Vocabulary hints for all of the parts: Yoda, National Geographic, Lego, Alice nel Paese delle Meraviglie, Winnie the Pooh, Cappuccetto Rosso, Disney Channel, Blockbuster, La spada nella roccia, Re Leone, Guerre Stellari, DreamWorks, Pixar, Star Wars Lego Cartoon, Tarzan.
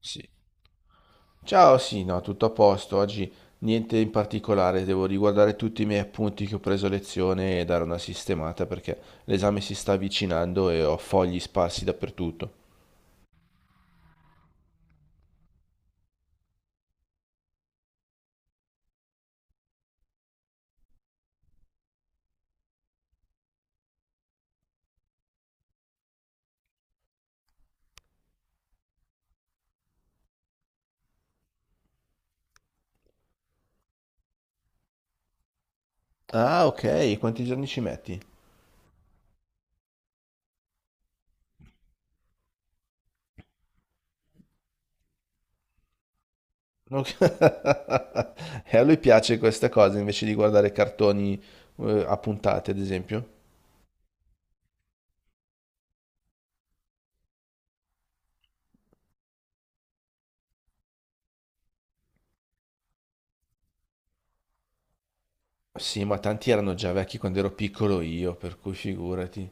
Sì. Ciao, sì, no, tutto a posto. Oggi niente in particolare, devo riguardare tutti i miei appunti che ho preso a lezione e dare una sistemata perché l'esame si sta avvicinando e ho fogli sparsi dappertutto. Ah, ok, quanti giorni ci metti? Ok. E a lui piace questa cosa invece di guardare cartoni a puntate, ad esempio. Sì, ma tanti erano già vecchi quando ero piccolo io, per cui figurati.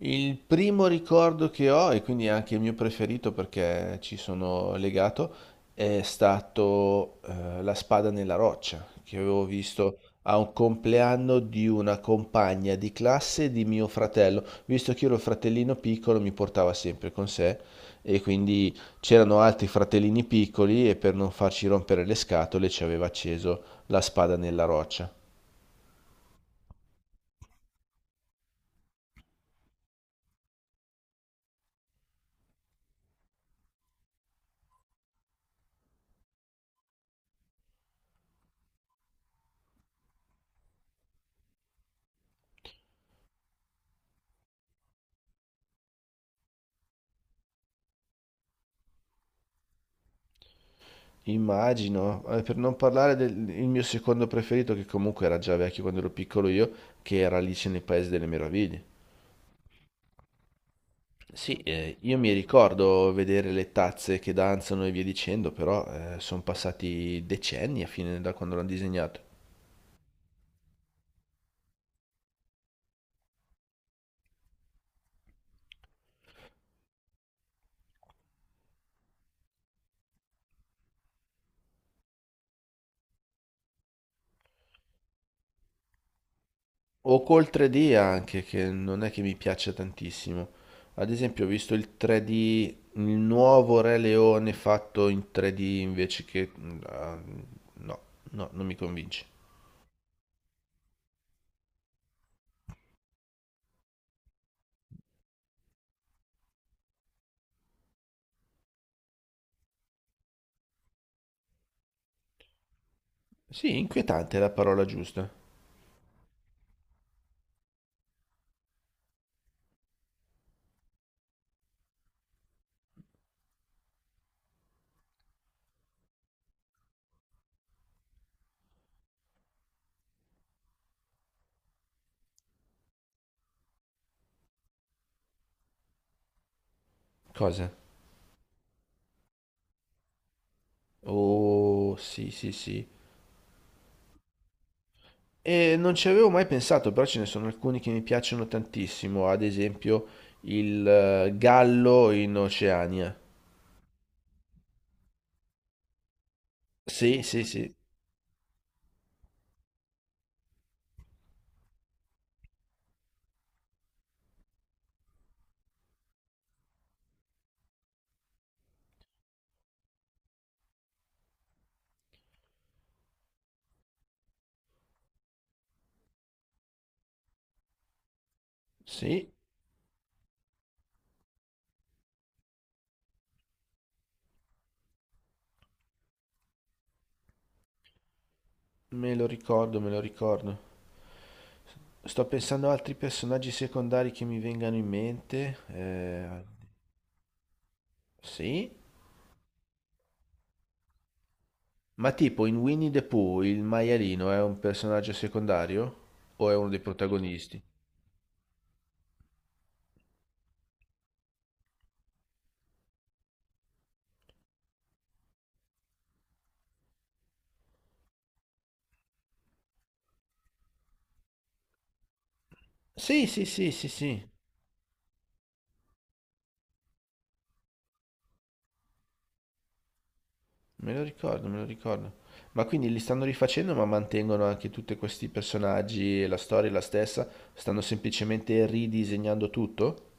Il primo ricordo che ho, e quindi anche il mio preferito perché ci sono legato, è stato La spada nella roccia, che avevo visto a un compleanno di una compagna di classe di mio fratello. Visto che io ero il fratellino piccolo, mi portava sempre con sé e quindi c'erano altri fratellini piccoli e per non farci rompere le scatole ci aveva acceso La spada nella roccia. Immagino, per non parlare del il mio secondo preferito, che comunque era già vecchio quando ero piccolo io, che era Alice nel Paese delle Meraviglie. Sì, io mi ricordo vedere le tazze che danzano e via dicendo, però sono passati decenni a fine da quando l'hanno disegnato. O col 3D anche, che non è che mi piaccia tantissimo. Ad esempio, ho visto il 3D, il nuovo Re Leone fatto in 3D invece che... No, no, non mi convince. Sì, inquietante è la parola giusta. Cosa? Oh, sì, sì, sì. E non ci avevo mai pensato, però ce ne sono alcuni che mi piacciono tantissimo, ad esempio il gallo in Oceania. Sì, sì, sì, sì, me lo ricordo, me lo ricordo. Sto pensando a altri personaggi secondari che mi vengano in mente. Eh, sì, ma tipo in Winnie the Pooh il maialino è un personaggio secondario o è uno dei protagonisti? Sì, sì, sì, sì, sì. Me lo ricordo, me lo ricordo. Ma quindi li stanno rifacendo, ma mantengono anche tutti questi personaggi e la storia è la stessa? Stanno semplicemente ridisegnando tutto?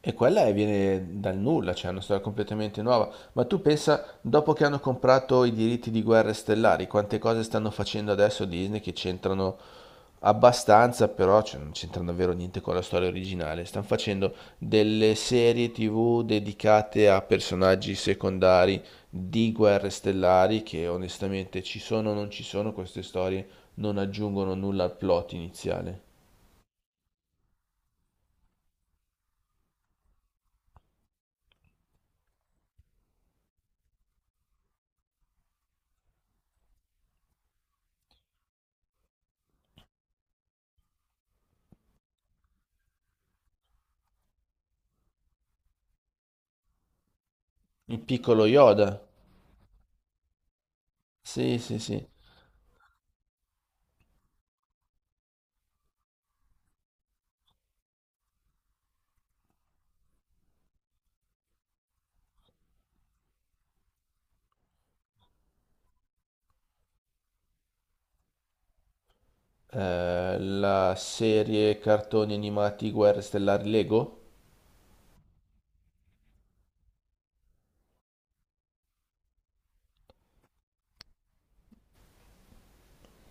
E quella è- viene dal nulla, cioè è una storia completamente nuova. Ma tu pensa, dopo che hanno comprato i diritti di Guerre Stellari, quante cose stanno facendo adesso Disney che c'entrano abbastanza, però cioè, non c'entrano davvero niente con la storia originale. Stanno facendo delle serie TV dedicate a personaggi secondari di Guerre Stellari che onestamente ci sono o non ci sono, queste storie non aggiungono nulla al plot iniziale. Il piccolo Yoda. Sì, sì, sì. La serie cartoni animati Guerre Stellari Lego?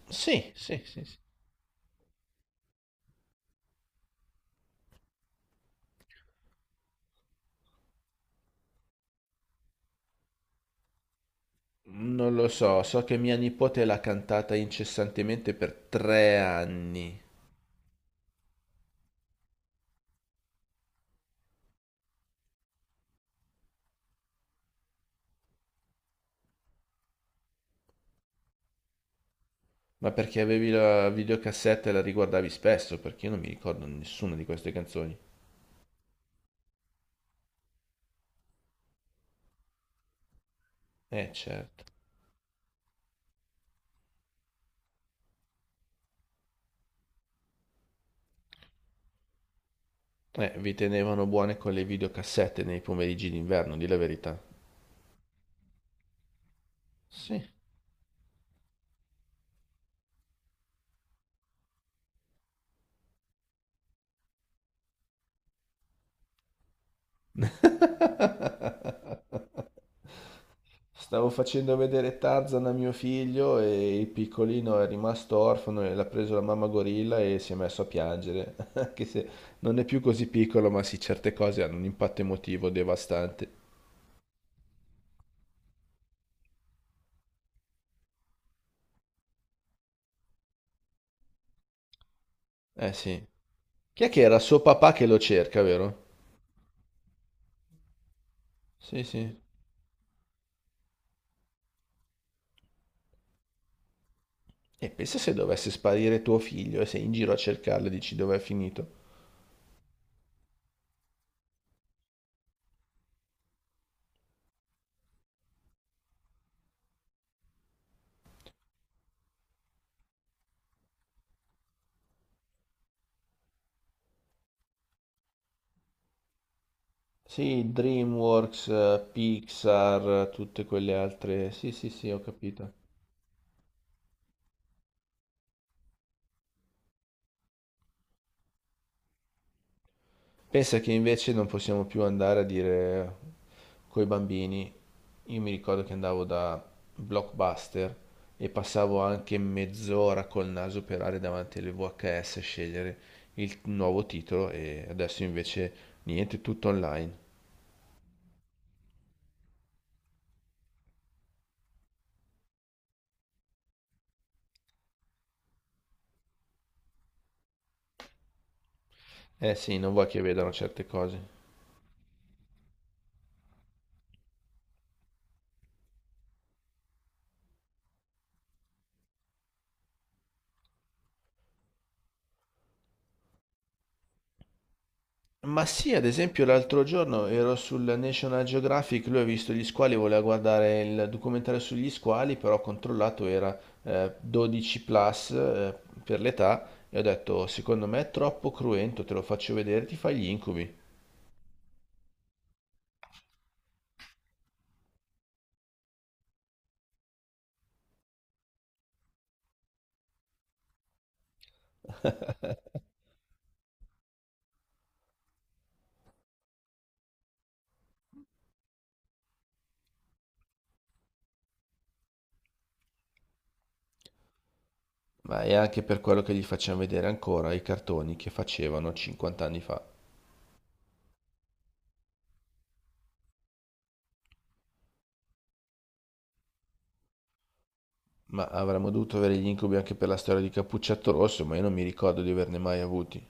Sì, sì, sì, sì. Non lo so, so che mia nipote l'ha cantata incessantemente per 3 anni. Ma perché avevi la videocassetta e la riguardavi spesso? Perché io non mi ricordo nessuna di queste canzoni. Certo. Vi tenevano buone con le videocassette nei pomeriggi d'inverno, di la verità. Sì. Stavo facendo vedere Tarzan a mio figlio e il piccolino è rimasto orfano e l'ha preso la mamma gorilla e si è messo a piangere, anche se non è più così piccolo, ma sì, certe cose hanno un impatto emotivo devastante. Eh sì. Chi è che era suo papà che lo cerca, vero? Sì, sì. E pensa se dovesse sparire tuo figlio e sei in giro a cercarlo e dici dov'è finito. Sì, DreamWorks, Pixar, tutte quelle altre. Sì, sì, sì, ho capito. Pensa che invece non possiamo più andare a dire coi bambini. Io mi ricordo che andavo da Blockbuster e passavo anche mezz'ora col naso per andare davanti alle VHS a scegliere il nuovo titolo e adesso invece niente, tutto online. Eh sì, non vuoi che vedano certe cose. Ma sì, ad esempio l'altro giorno ero sul National Geographic, lui ha visto gli squali, voleva guardare il documentario sugli squali, però ho controllato era 12 plus per l'età e ho detto, secondo me è troppo cruento, te lo faccio vedere, ti fai gli incubi. Ma è anche per quello che gli facciamo vedere ancora i cartoni che facevano 50 anni fa. Ma avremmo dovuto avere gli incubi anche per la storia di Cappuccetto Rosso, ma io non mi ricordo di averne mai avuti.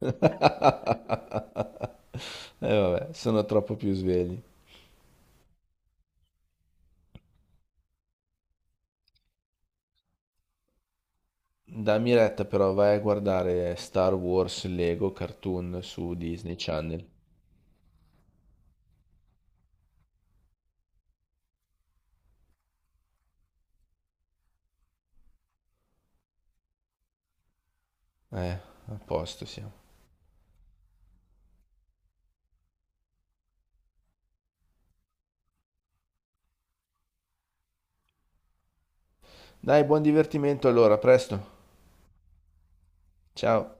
E vabbè, sono troppo più svegli. Dammi retta però, vai a guardare Star Wars Lego Cartoon su Disney Channel. A posto siamo. Dai, buon divertimento allora, a presto. Ciao.